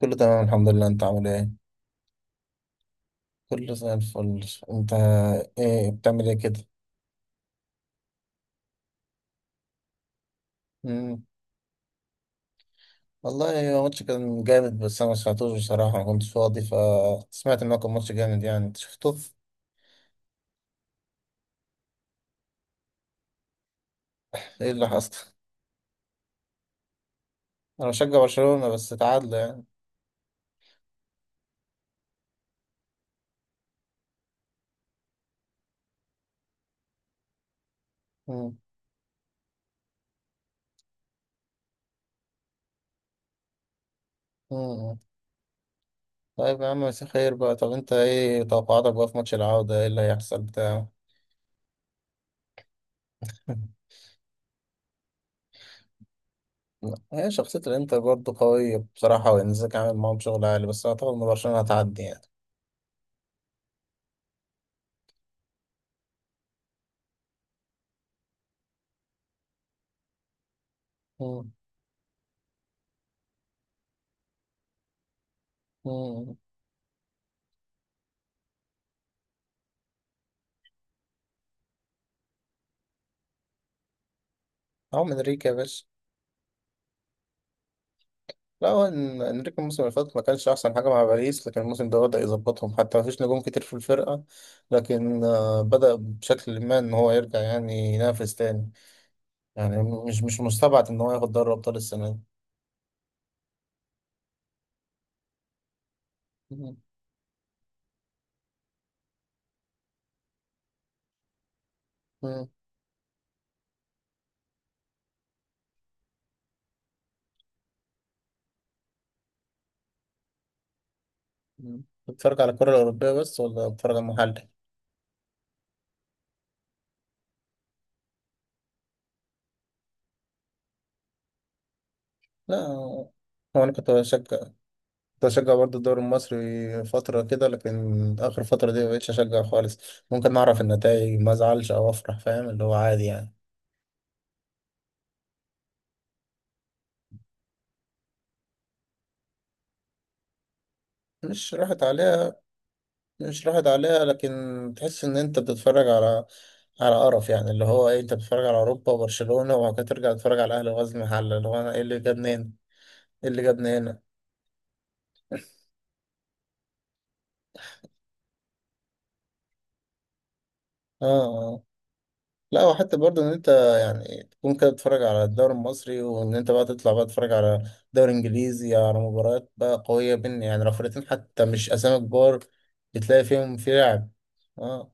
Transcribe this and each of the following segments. كله تمام الحمد لله، انت عامل ايه؟ كله زي الفل. انت ايه، بتعمل ايه كده؟ مم. والله هو ماتش كان جامد، بس انا ما سمعتوش بصراحه، ما كنتش فاضي، فسمعت ان هو كان ماتش جامد يعني. انت شفته؟ ايه اللي حصل؟ انا بشجع برشلونه بس تعادل يعني. مم. مم. طيب يا عم، مساء خير بقى. طب انت ايه توقعاتك بقى في ماتش العوده؟ ايه اللي هيحصل بتاع... هي شخصيه الانتر برضه قويه بصراحه، وانزاك عامل معاهم شغل عالي، بس اعتقد ان برشلونه هتعدي يعني. مم. مم. عم انريكي يا باشا. لا هو، انريكي الموسم اللي فات ما كانش احسن حاجه مع باريس، لكن الموسم ده بدا يظبطهم، حتى ما فيش نجوم كتير في الفرقه. لكن بدا بشكل ما ان هو يرجع يعني ينافس تاني. يعني مش مستبعد ان هو ياخد دوري ابطال السنه دي. مم. مم. مم. بتتفرج على الكره الاوروبيه بس، ولا بتتفرج على المحلي؟ لا هو انا كنت بشجع. كنت بشجع برضه الدوري المصري فتره كده، لكن اخر فتره دي ما بقتش اشجع خالص. ممكن اعرف النتائج ما ازعلش او افرح، فاهم، اللي هو عادي يعني. مش راحت عليها. مش راحت عليها، لكن تحس ان انت بتتفرج على قرف يعني، اللي هو ايه، انت بتتفرج على اوروبا وبرشلونة، وبعد كده ترجع تتفرج على الاهلي وغزل المحله، اللي هو انا ايه اللي جابني هنا؟ ايه اللي جابني هنا؟ اه. اه. لا، وحتى برضه ان انت، يعني تكون كده بتتفرج على الدوري المصري، وان انت بقى تطلع بقى تتفرج على دوري انجليزي، على مباريات بقى قوية بين يعني رفرتين حتى، مش اسامي كبار، بتلاقي فيهم في لعب. اه،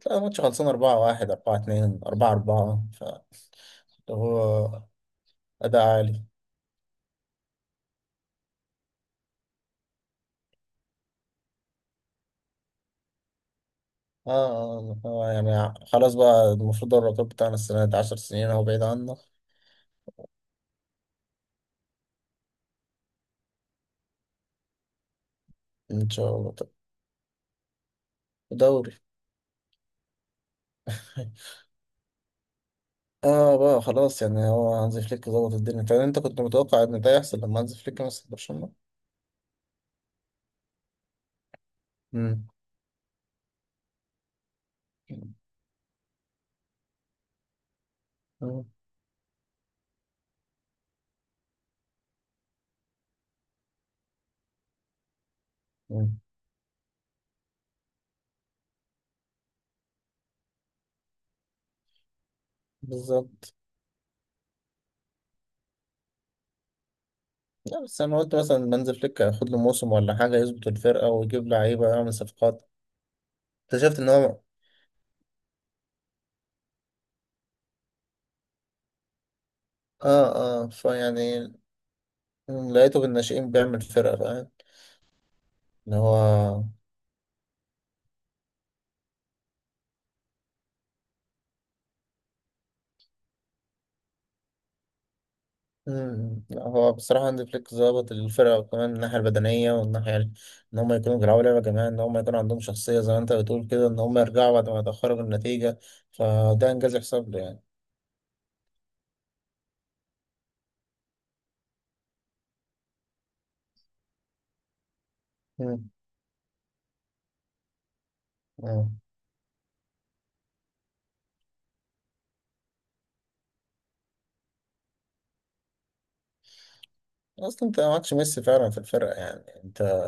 تلاقي ماتش خلصان 4-1، 4-2، 4-4، فاللي هو أداء عالي. اه، يعني خلاص بقى، المفروض الرقابة بتاعنا السنة دي 10 سنين اهو بعيد عنه. ان شاء الله. طب، دوري. اه بقى خلاص، يعني هو هانزي فليك ظبط الدنيا. طب انت كنت متوقع ان ده يحصل لما هانزي فليك مسك برشلونة؟ امم. مم. مم. بالظبط. لا، بس انا قلت مثلا هانز فليك هياخد له موسم ولا حاجه، يظبط الفرقه ويجيب لعيبه، يعمل صفقات. اكتشفت ان هو... اه. اه، فيعني لقيته بالناشئين بيعمل فرقه، فاهم ان هو. مم. لا هو بصراحة هانز فليك ظابط الفرقة، وكمان الناحية البدنية والناحية إن هم يكونوا بيلعبوا لعبة جماعية، إن هم يكون عندهم شخصية زي ما أنت بتقول كده، إن هم يرجعوا بعد ما يتأخروا بالنتيجة. فده إنجاز يحسب له يعني. مم. مم. أصلا أنت معكش ميسي فعلا في الفرقة يعني أنت.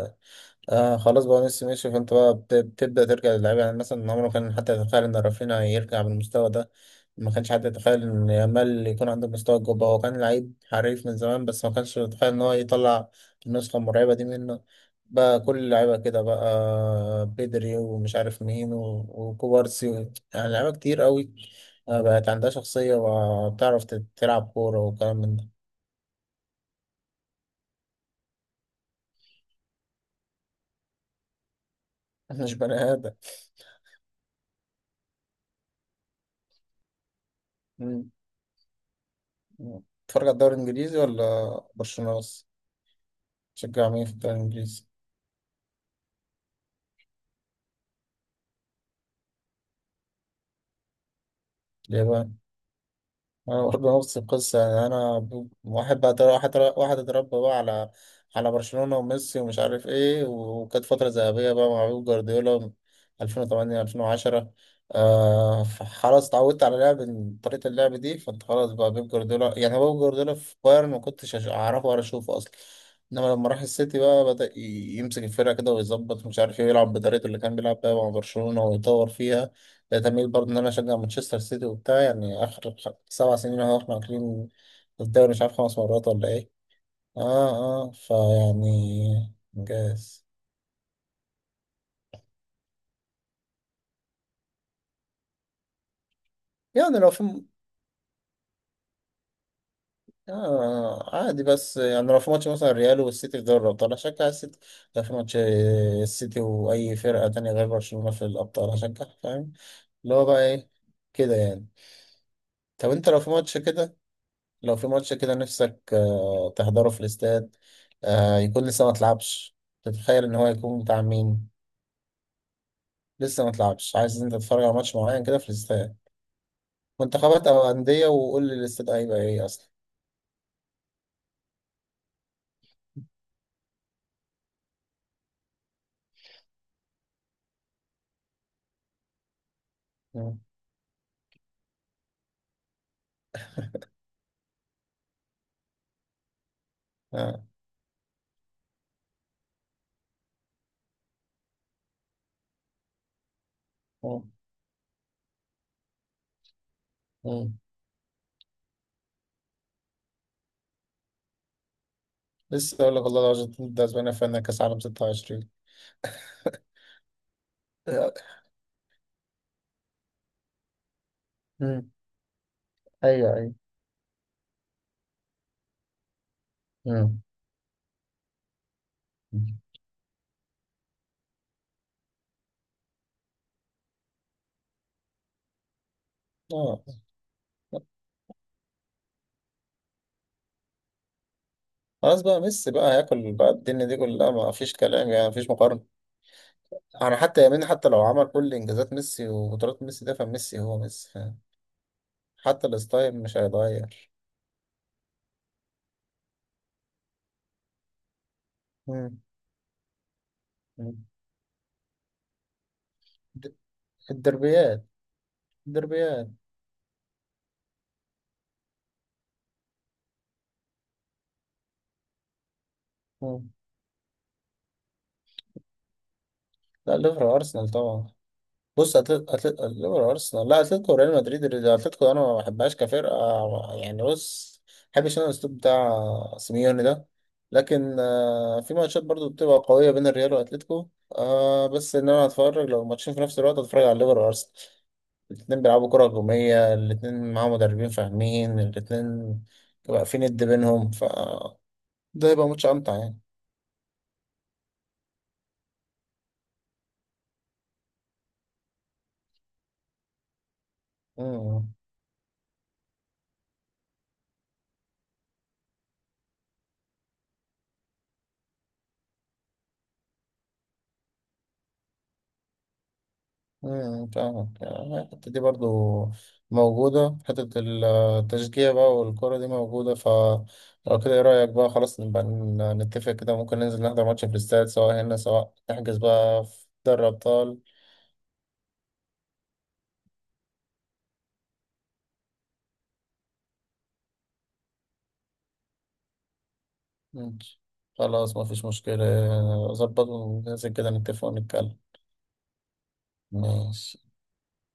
آه خلاص بقى، ميسي ماشي، فانت بقى بتبدأ ترجع للعيبة. يعني مثلا عمره كان حتى يتخيل ان رافينيا يرجع بالمستوى ده. ما كانش حد يتخيل ان يامال يكون عنده مستوى الجبهة. هو كان لعيب حريف من زمان، بس ما كانش يتخيل ان هو يطلع النسخة المرعبة دي منه. بقى كل اللعيبة كده، بقى بدري، ومش عارف مين وكوبارسي يعني لعيبة كتير قوي. بقت عندها شخصية، وبتعرف تلعب كورة وكلام من ده. مش بني آدم. مم. بتتفرج على الدوري الإنجليزي ولا برشلونة بس؟ تشجع مين في الدوري الإنجليزي؟ اليابان. أنا برضه نفس القصة. يعني أنا واحد بعد واحد اتربى بقى على. على برشلونة وميسي، ومش عارف إيه، وكانت فترة ذهبية بقى مع بيب جوارديولا 2008 2010. فخلاص اتعودت على لعب طريقة اللعب دي. فأنت خلاص بقى بيب جوارديولا يعني، هو بيب جوارديولا في بايرن ما كنتش أعرفه ولا أشوفه أصلا. إنما لما راح السيتي بقى، بدأ يمسك الفرقة كده ويظبط مش عارف إيه، يلعب بطريقة اللي كان بيلعب بيها مع برشلونة ويطور فيها. بقيت أميل برضه إن أنا أشجع مانشستر سيتي وبتاع. يعني آخر 7 سنين أهو إحنا واكلين الدوري مش عارف 5 مرات ولا إيه. آه. آه فيعني إنجاز. يعني لو في آه، عادي، بس يعني لو في ماتش مثلا الريال والسيتي في دوري الأبطال هشجع السيتي. لو في ماتش السيتي وأي فرقة تانية غير برشلونة في الأبطال هشجع، فاهم اللي هو بقى إيه كده يعني. طب أنت لو في ماتش كده. لو في ماتش كده نفسك تحضره في الاستاد، يكون لسه ما اتلعبش، تتخيل ان هو يكون بتاع مين. لسه ما اتلعبش، عايز انت تتفرج على ماتش معين كده في الاستاد. منتخبات او انديه؟ وقول لي الاستاد هيبقى ايه اصلا. مم. آه. مم. مم. لسه اقول لك، والله الارجنتين ضد اسبانيا في نهائي كاس عالم 26. آه. مم. ايوه، ايوه. مم. اه خلاص بقى، ميسي بقى هياكل بقى الدنيا دي كلها، ما فيش كلام يعني، ما فيش مقارنه. انا حتى يمين حتى لو عمل كل انجازات ميسي وقدرات ميسي ده، فميسي هو ميسي، فاهم؟ حتى الستايل مش هيتغير. مم. مم. د- الدربيات. الدربيات. مم. لا، ليفر ارسنال طبعا. بص، ليفر أرسنال، لا. أتلتيكو ريال مدريد، أتلتيكو أنا ما بحبهاش كفرقة. يعني بص، ما بحبش أنا الأسلوب بتاع سيميوني ده. لكن في ماتشات برضو بتبقى قوية بين الريال وأتلتيكو. آه، بس إن أنا هتفرج، لو ماتشين في نفس الوقت هتفرج على ليفر وأرسنال. الاتنين بيلعبوا كرة هجومية، الاتنين معاهم مدربين فاهمين، الاتنين بيبقى في ند بينهم، ف ده يبقى ماتش أمتع يعني. مم. فاهمك. يعني الحتة دي برضو موجودة، حتة التشجيع بقى والكرة دي موجودة. ف لو كده، ايه رأيك بقى؟ خلاص نبقى نتفق كده. ممكن ننزل نحضر ماتش في الاستاد، سواء هنا، سواء نحجز بقى في دوري أبطال. ماشي. خلاص، مفيش مشكلة. ظبط وننزل كده نتفق ونتكلم. ماشي.